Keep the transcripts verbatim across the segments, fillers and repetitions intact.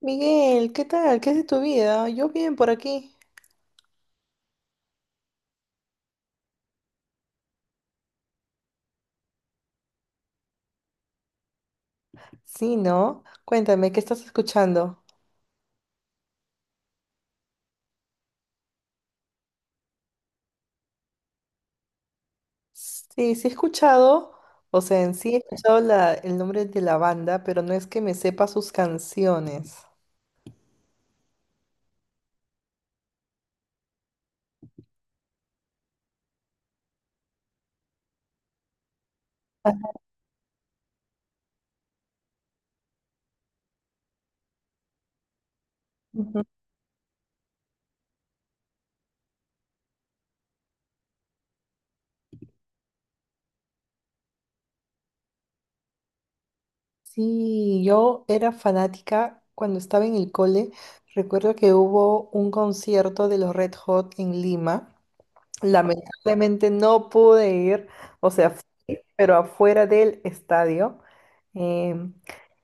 Miguel, ¿qué tal? ¿Qué es de tu vida? Yo bien por aquí. Sí, ¿no? Cuéntame, ¿qué estás escuchando? Sí, sí he escuchado, o sea, en sí he escuchado la- el nombre de la banda, pero no es que me sepa sus canciones. Ujú. Sí, yo era fanática cuando estaba en el cole. Recuerdo que hubo un concierto de los Red Hot en Lima. Lamentablemente no pude ir, o sea, fui, pero afuera del estadio. em,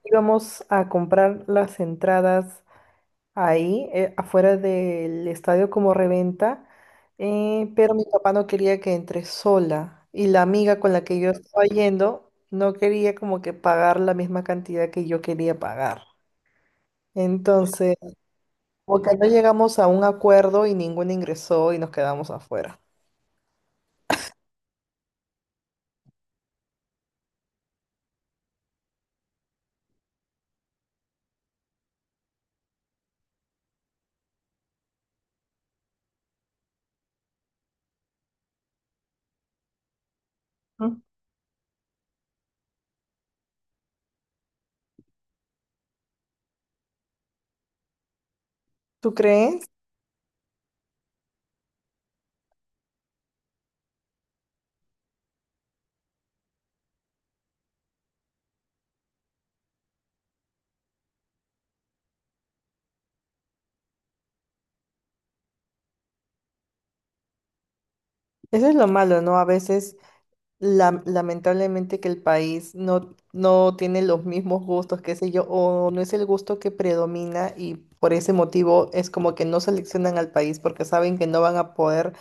Íbamos a comprar las entradas ahí, eh, afuera del estadio como reventa, eh, pero mi papá no quería que entre sola y la amiga con la que yo estaba yendo no quería como que pagar la misma cantidad que yo quería pagar. Entonces, porque no llegamos a un acuerdo y ninguno ingresó y nos quedamos afuera. ¿Mm? ¿Tú crees? Eso es lo malo, ¿no? A veces, la- lamentablemente, que el país no, no tiene los mismos gustos, qué sé yo, o no es el gusto que predomina y por ese motivo es como que no seleccionan al país porque saben que no van a poder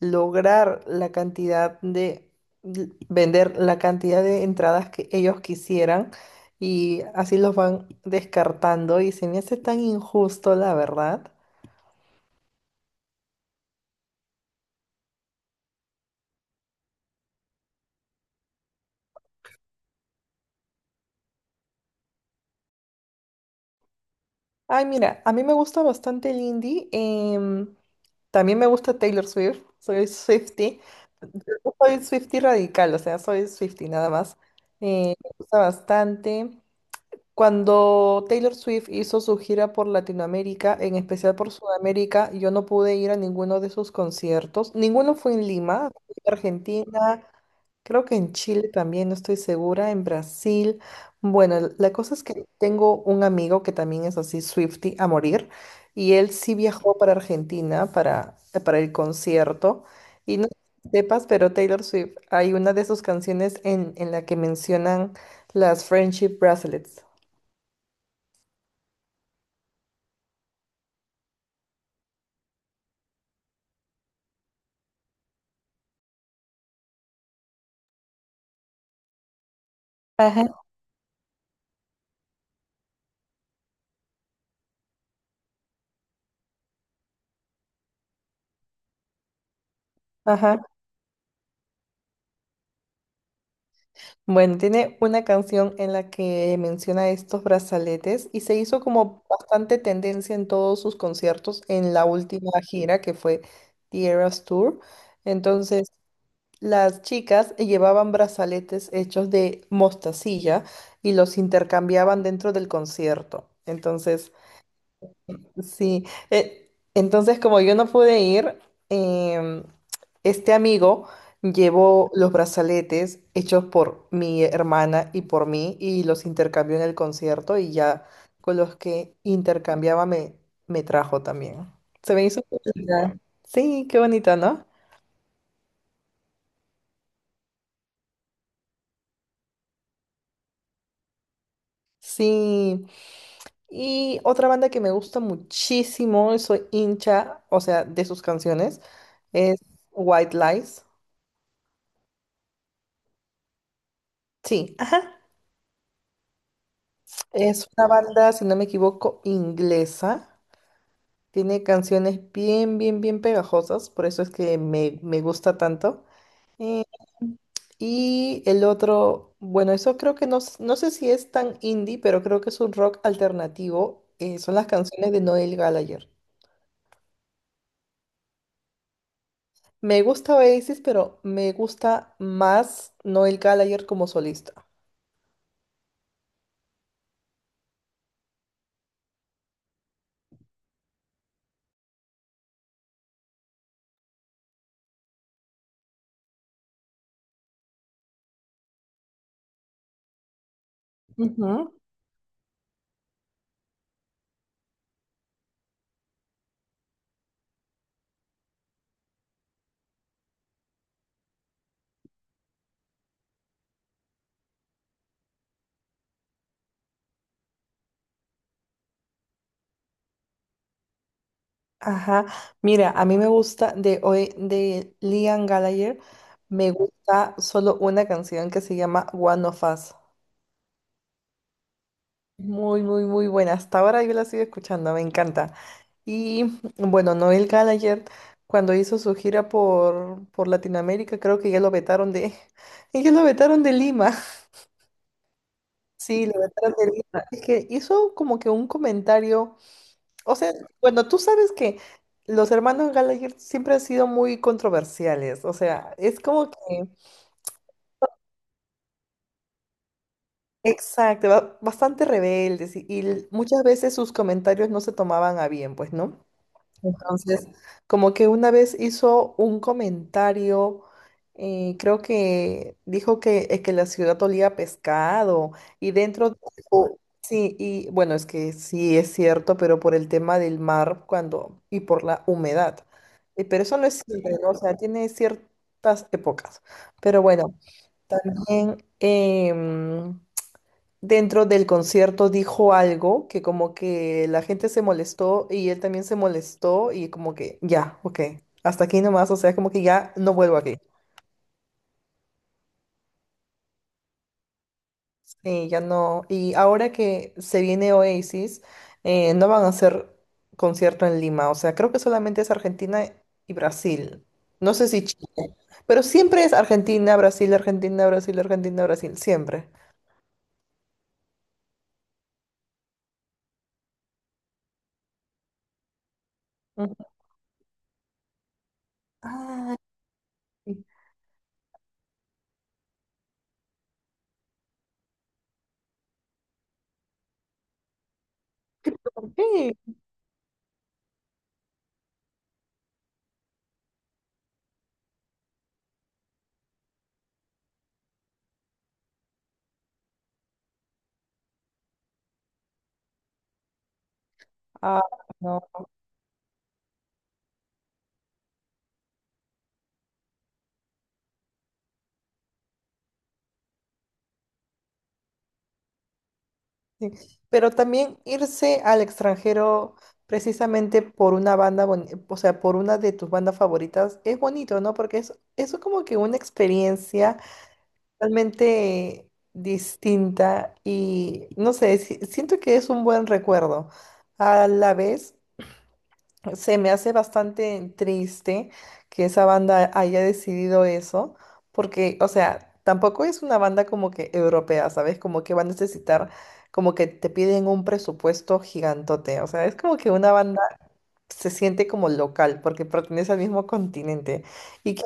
lograr la cantidad de, l- vender la cantidad de entradas que ellos quisieran y así los van descartando y se me hace tan injusto, la verdad. Ay, mira, a mí me gusta bastante el indie. Em, también me gusta Taylor Swift. Soy Swiftie. No soy Swiftie radical, o sea, soy Swiftie nada más. Eh, me gusta bastante. Cuando Taylor Swift hizo su gira por Latinoamérica, en especial por Sudamérica, yo no pude ir a ninguno de sus conciertos. Ninguno fue en Lima, fui a Argentina. Creo que en Chile también, no estoy segura, en Brasil. Bueno, l- la cosa es que tengo un amigo que también es así, Swifty, a morir, y él sí viajó para Argentina para, para el concierto. Y no sé si sepas, pero Taylor Swift, hay una de sus canciones en, en la que mencionan las Friendship Bracelets. Ajá. Ajá. Bueno, tiene una canción en la que menciona estos brazaletes y se hizo como bastante tendencia en todos sus conciertos en la última gira que fue The Eras Tour. Entonces, las chicas llevaban brazaletes hechos de mostacilla y los intercambiaban dentro del concierto. Entonces, sí, eh, entonces como yo no pude ir, em, este amigo llevó los brazaletes hechos por mi hermana y por mí y los intercambió en el concierto y ya con los que intercambiaba me, me trajo también. Se me hizo bonita. Sí, qué bonita, ¿no? Sí. Y otra banda que me gusta muchísimo, y soy hincha, o sea, de sus canciones, es White Lies. Sí. Es una banda, si no me equivoco, inglesa. Tiene canciones bien, bien, bien pegajosas, por eso es que me, me gusta tanto. Eh, y el otro, bueno, eso creo que no, s- no sé si es tan indie, pero creo que es un rock alternativo. Eh, son las canciones de Noel Gallagher. Me gusta Oasis, pero me gusta más Noel Gallagher como solista. Ujú. Ajá, mira, a mí me gusta de hoy de Liam Gallagher, me gusta solo una canción que se llama One of Us. Muy, muy, muy buena. Hasta ahora yo la sigo escuchando, me encanta. Y bueno, Noel Gallagher, cuando hizo su gira por, por Latinoamérica, creo que ya lo vetaron de, ya lo vetaron de Lima. Sí, lo vetaron de Lima. Es que hizo como que un comentario. O sea, bueno, tú sabes que los hermanos Gallagher siempre han sido muy controversiales, o sea, es como que, exacto, ba- bastante rebeldes y, y l- muchas veces sus comentarios no se tomaban a bien, pues, ¿no? Entonces, como que una vez hizo un comentario, eh, creo que dijo que, eh, que la ciudad olía a pescado y dentro, o- sí, y bueno, es que sí es cierto, pero por el tema del mar cuando y por la humedad. Eh, pero eso no es siempre, ¿no? O sea, tiene ciertas épocas. Pero bueno, también... em, dentro del concierto dijo algo que como que la gente se molestó y él también se molestó y como que ya, ok, hasta aquí nomás, o sea, como que ya no vuelvo aquí. Sí, ya no. Y ahora que se viene Oasis, eh, no van a hacer concierto en Lima, o sea, creo que solamente es Argentina y Brasil. No sé si Chile, pero siempre es Argentina, Brasil, Argentina, Brasil, Argentina, Brasil, siempre. Ujú. Ay, ¿por qué? Ah, no. Sí, pero también irse al extranjero precisamente por una banda, boni- o sea, por una de tus bandas favoritas, es bonito, ¿no? Porque es, es como que una experiencia realmente distinta y no sé, si- siento que es un buen recuerdo. A la vez, se me hace bastante triste que esa banda haya decidido eso, porque, o sea, tampoco es una banda como que europea, ¿sabes? Como que va a necesitar, como que te piden un presupuesto gigantote, o sea, es como que una banda se siente como local, porque pertenece al mismo continente. Y que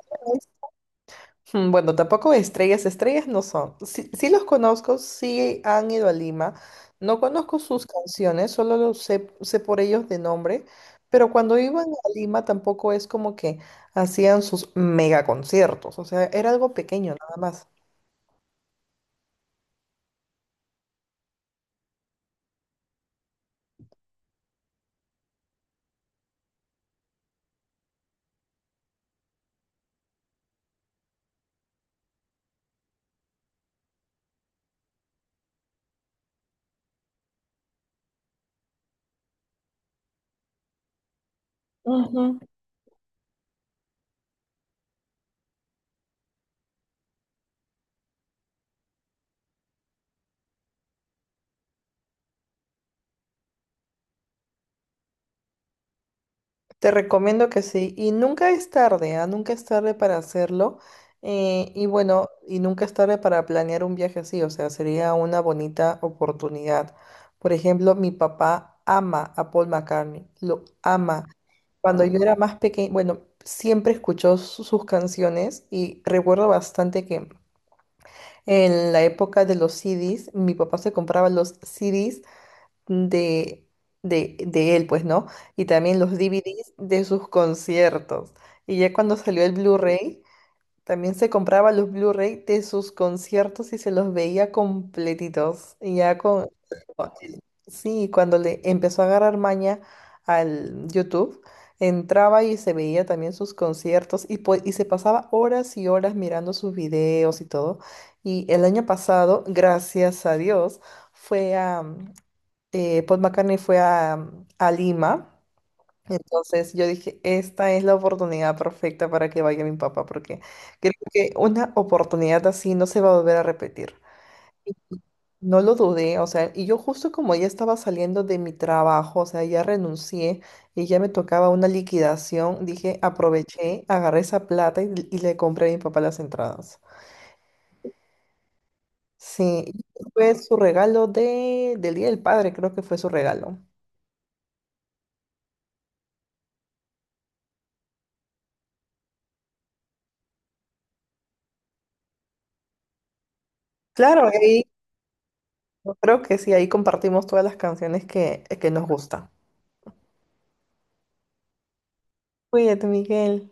mm, bueno, tampoco estrellas, estrellas no son. Sí, sí los conozco, sí han ido a Lima. No conozco sus canciones, solo los sé, sé por ellos de nombre, pero cuando iban a Lima tampoco es como que hacían sus mega conciertos, o sea, era algo pequeño nada más. Te recomiendo que sí. Y nunca es tarde, ¿ah? Nunca es tarde para hacerlo. Eh, y bueno, y nunca es tarde para planear un viaje así. O sea, sería una bonita oportunidad. Por ejemplo, mi papá ama a Paul McCartney. Lo ama. Cuando yo era más pequeña, bueno, siempre escuchó su- sus canciones y recuerdo bastante que en la época de los C D s, mi papá se compraba los C D s de, de, de él, pues, ¿no? Y también los D V D s de sus conciertos. Y ya cuando salió el Blu-ray, también se compraba los Blu-ray de sus conciertos y se los veía completitos. Y ya con... sí, cuando le empezó a agarrar maña al YouTube, entraba y se veía también sus conciertos y, po- y se pasaba horas y horas mirando sus videos y todo. Y el año pasado, gracias a Dios, fue a, eh, Paul McCartney fue a, a Lima. Entonces yo dije, esta es la oportunidad perfecta para que vaya mi papá, porque creo que una oportunidad así no se va a volver a repetir. No lo dudé, o sea, y yo justo como ya estaba saliendo de mi trabajo, o sea, ya renuncié y ya me tocaba una liquidación, dije, aproveché, agarré esa plata y, y le compré a mi papá las entradas. Sí, fue su regalo de, del Día del Padre, creo que fue su regalo. Claro, ahí yo creo que sí, ahí compartimos todas las canciones que, que nos gustan. Cuídate, Miguel.